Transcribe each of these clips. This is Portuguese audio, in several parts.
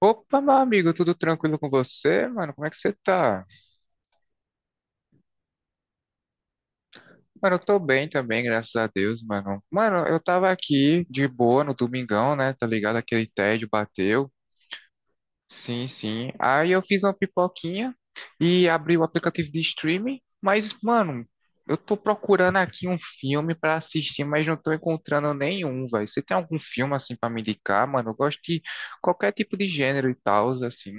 Opa, meu amigo, tudo tranquilo com você, mano? Como é que você tá? Mano, eu tô bem também, graças a Deus, mano. Mano, eu tava aqui de boa no domingão, né? Tá ligado? Aquele tédio bateu. Sim, sim. Aí eu fiz uma pipoquinha e abri o aplicativo de streaming. Mas, mano, eu tô procurando aqui um filme pra assistir, mas não tô encontrando nenhum, velho. Você tem algum filme assim pra me indicar, mano? Eu gosto de qualquer tipo de gênero e tal, assim.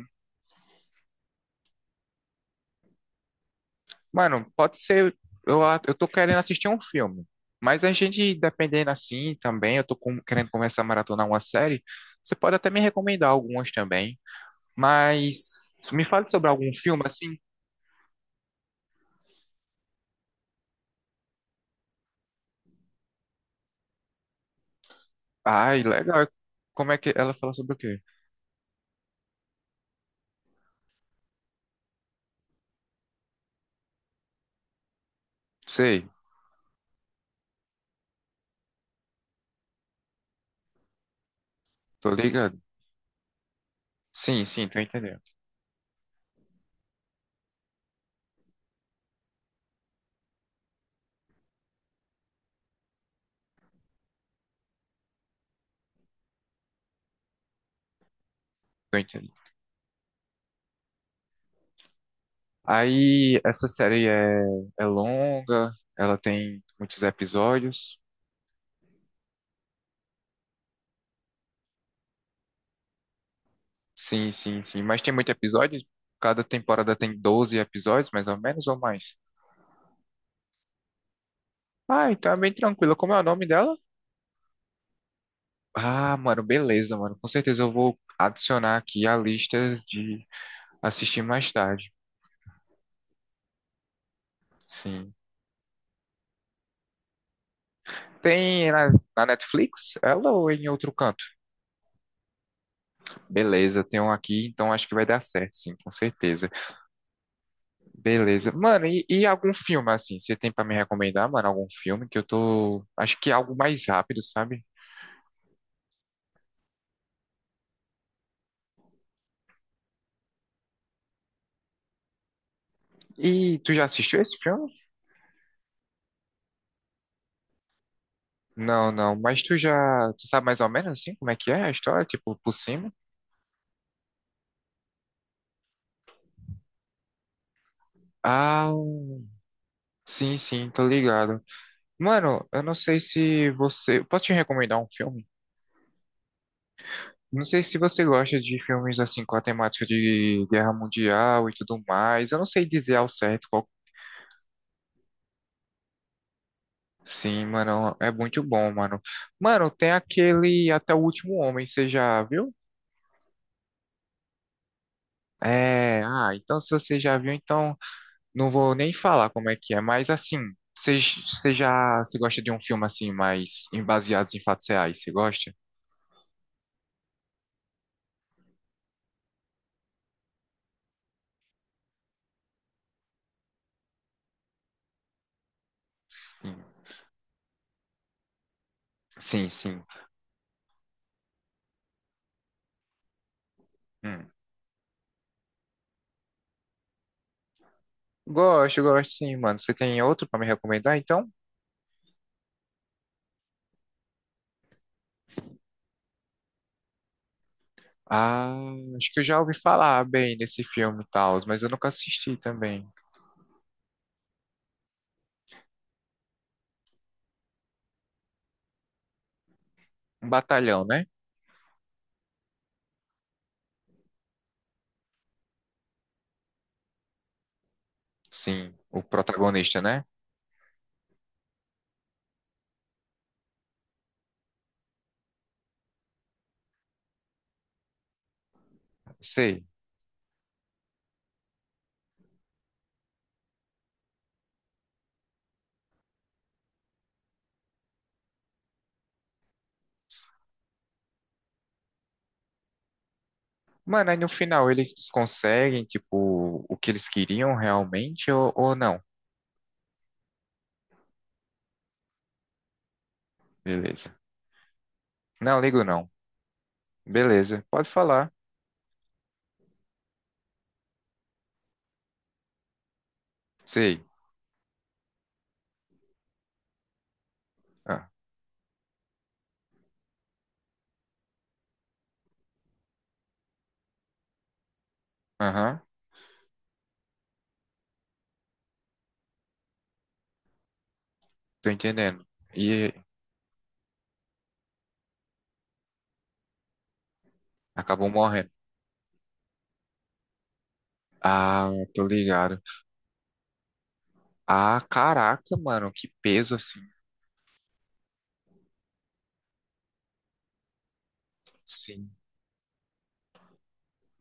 Mano, pode ser. Eu tô querendo assistir um filme. Mas a gente, dependendo assim também, querendo começar a maratonar uma série. Você pode até me recomendar algumas também. Mas me fale sobre algum filme assim. Ai, legal. Como é que ela fala sobre o quê? Sei, tô ligado. Sim, sim, tô entendendo. Tô entendendo. Aí, essa série é longa, ela tem muitos episódios. Sim, sim, sim. Mas tem muito episódio? Cada temporada tem 12 episódios, mais ou menos, ou mais? Ah, então é bem tranquilo. Como é o nome dela? Ah, mano, beleza, mano. Com certeza eu vou adicionar aqui a listas de assistir mais tarde. Sim. Tem na, na Netflix? Ela ou em outro canto? Beleza, tem um aqui, então acho que vai dar certo, sim, com certeza. Beleza. Mano, e algum filme, assim? Você tem pra me recomendar, mano, algum filme que eu tô. Acho que é algo mais rápido, sabe? E tu já assistiu esse filme? Não, não. Tu sabe mais ou menos assim como é que é a história, tipo, por cima? Ah, sim, sim, tô ligado. Mano, eu não sei se você, posso te recomendar um filme? Não sei se você gosta de filmes assim com a temática de guerra mundial e tudo mais. Eu não sei dizer ao certo qual. Sim, mano, é muito bom, mano. Mano, tem aquele Até o Último Homem, você já viu? É, ah, então se você já viu, então não vou nem falar como é que é, mas assim, você você gosta de um filme assim, baseados em fatos reais? Você gosta? Sim, sim, sim. Hum. Gosto, gosto sim, mano. Você tem outro pra me recomendar, então? Ah, acho que eu já ouvi falar bem desse filme e tal, mas eu nunca assisti também. Um batalhão, né? Sim, o protagonista, né? Sei. Mano, aí no final eles conseguem, tipo, o que eles queriam realmente ou não? Beleza. Não, ligo não. Beleza, pode falar. Sei. Ah, aham, tô entendendo. E acabou morrendo. Ah, tô ligado. Ah, caraca, mano, que peso assim. Sim.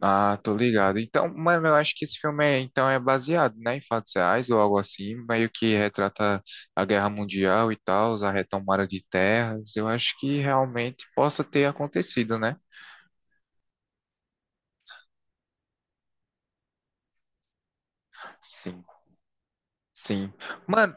Ah, tô ligado. Então, mano, eu acho que esse filme então, é baseado, né, em fatos reais ou algo assim, meio que retrata a Guerra Mundial e tal, a retomada de terras. Eu acho que realmente possa ter acontecido, né? Sim, sim. Mano.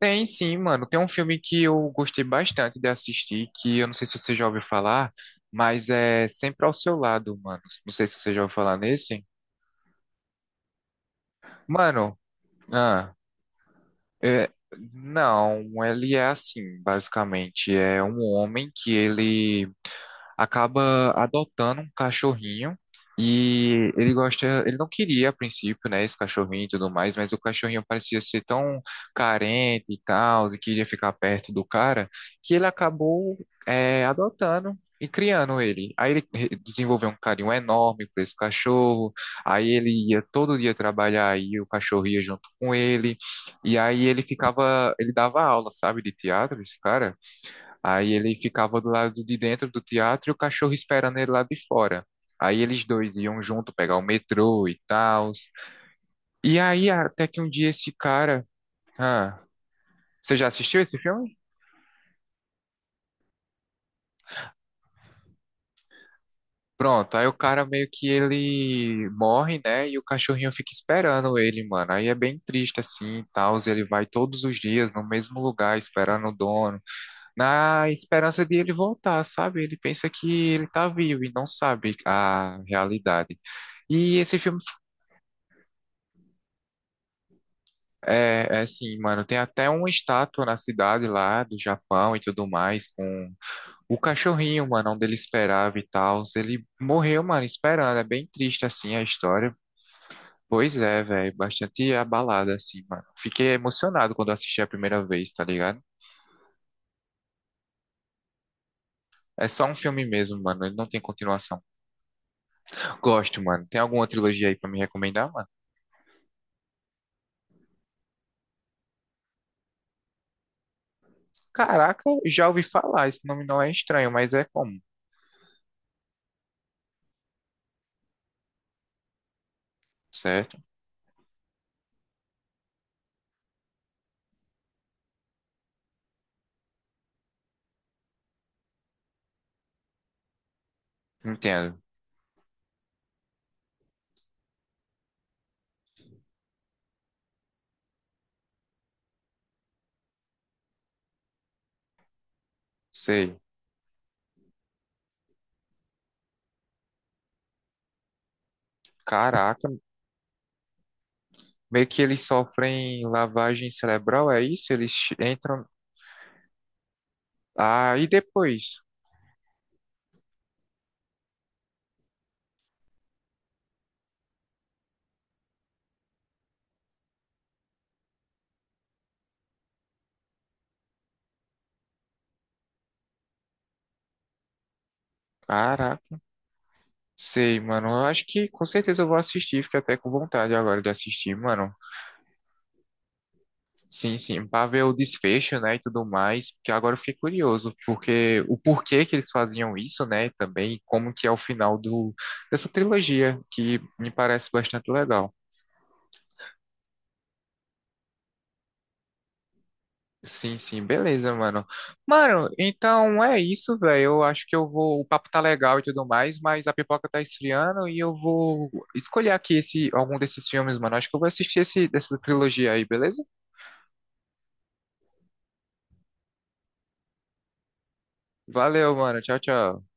Tem sim, mano. Tem um filme que eu gostei bastante de assistir, que eu não sei se você já ouviu falar, mas é Sempre ao Seu Lado, mano. Não sei se você já ouviu falar nesse. Mano, ah, é, não, ele é assim, basicamente. É um homem que ele acaba adotando um cachorrinho e ele gosta, ele não queria a princípio, né, esse cachorrinho e tudo mais, mas o cachorrinho parecia ser tão carente e tal, e queria ficar perto do cara, que ele acabou adotando. E criando ele. Desenvolveu um carinho enorme por esse cachorro. Aí ele ia todo dia trabalhar e o cachorro ia junto com ele. E aí ele ficava, ele dava aula, sabe, de teatro, esse cara. Aí ele ficava do lado de dentro do teatro e o cachorro esperando ele lá de fora. Aí eles dois iam junto pegar o metrô e tal. E aí até que um dia esse cara, ah, você já assistiu esse filme? Pronto, aí o cara meio que ele morre, né? E o cachorrinho fica esperando ele, mano. Aí é bem triste assim, e tal. Ele vai todos os dias no mesmo lugar esperando o dono, na esperança de ele voltar, sabe? Ele pensa que ele tá vivo e não sabe a realidade. E esse filme é, é assim, mano, tem até uma estátua na cidade lá do Japão e tudo mais, com o cachorrinho, mano, onde ele esperava e tal. Ele morreu, mano, esperando. É bem triste, assim, a história. Pois é, velho, bastante abalada, assim, mano. Fiquei emocionado quando assisti a primeira vez, tá ligado? É só um filme mesmo, mano, ele não tem continuação. Gosto, mano. Tem alguma trilogia aí pra me recomendar, mano? Caraca, já ouvi falar, esse nome não é estranho, mas é comum, certo? Entendo, sei. Caraca, meio que eles sofrem lavagem cerebral, é isso? Entram. Ah, e depois? Caraca, sei, mano. Eu acho que com certeza eu vou assistir, fiquei até com vontade agora de assistir, mano. Sim, sim, pra ver o desfecho, né, e tudo mais, porque agora eu fiquei curioso, porque o porquê que eles faziam isso, né, também, como que é o final dessa trilogia, que me parece bastante legal. Sim, sim, beleza, mano. Mano, então é isso, velho. Eu acho que eu vou. O papo tá legal e tudo mais, mas a pipoca tá esfriando e eu vou escolher aqui esse, algum desses filmes, mano. Acho que eu vou assistir esse, dessa trilogia aí, beleza? Valeu, mano. Tchau, tchau.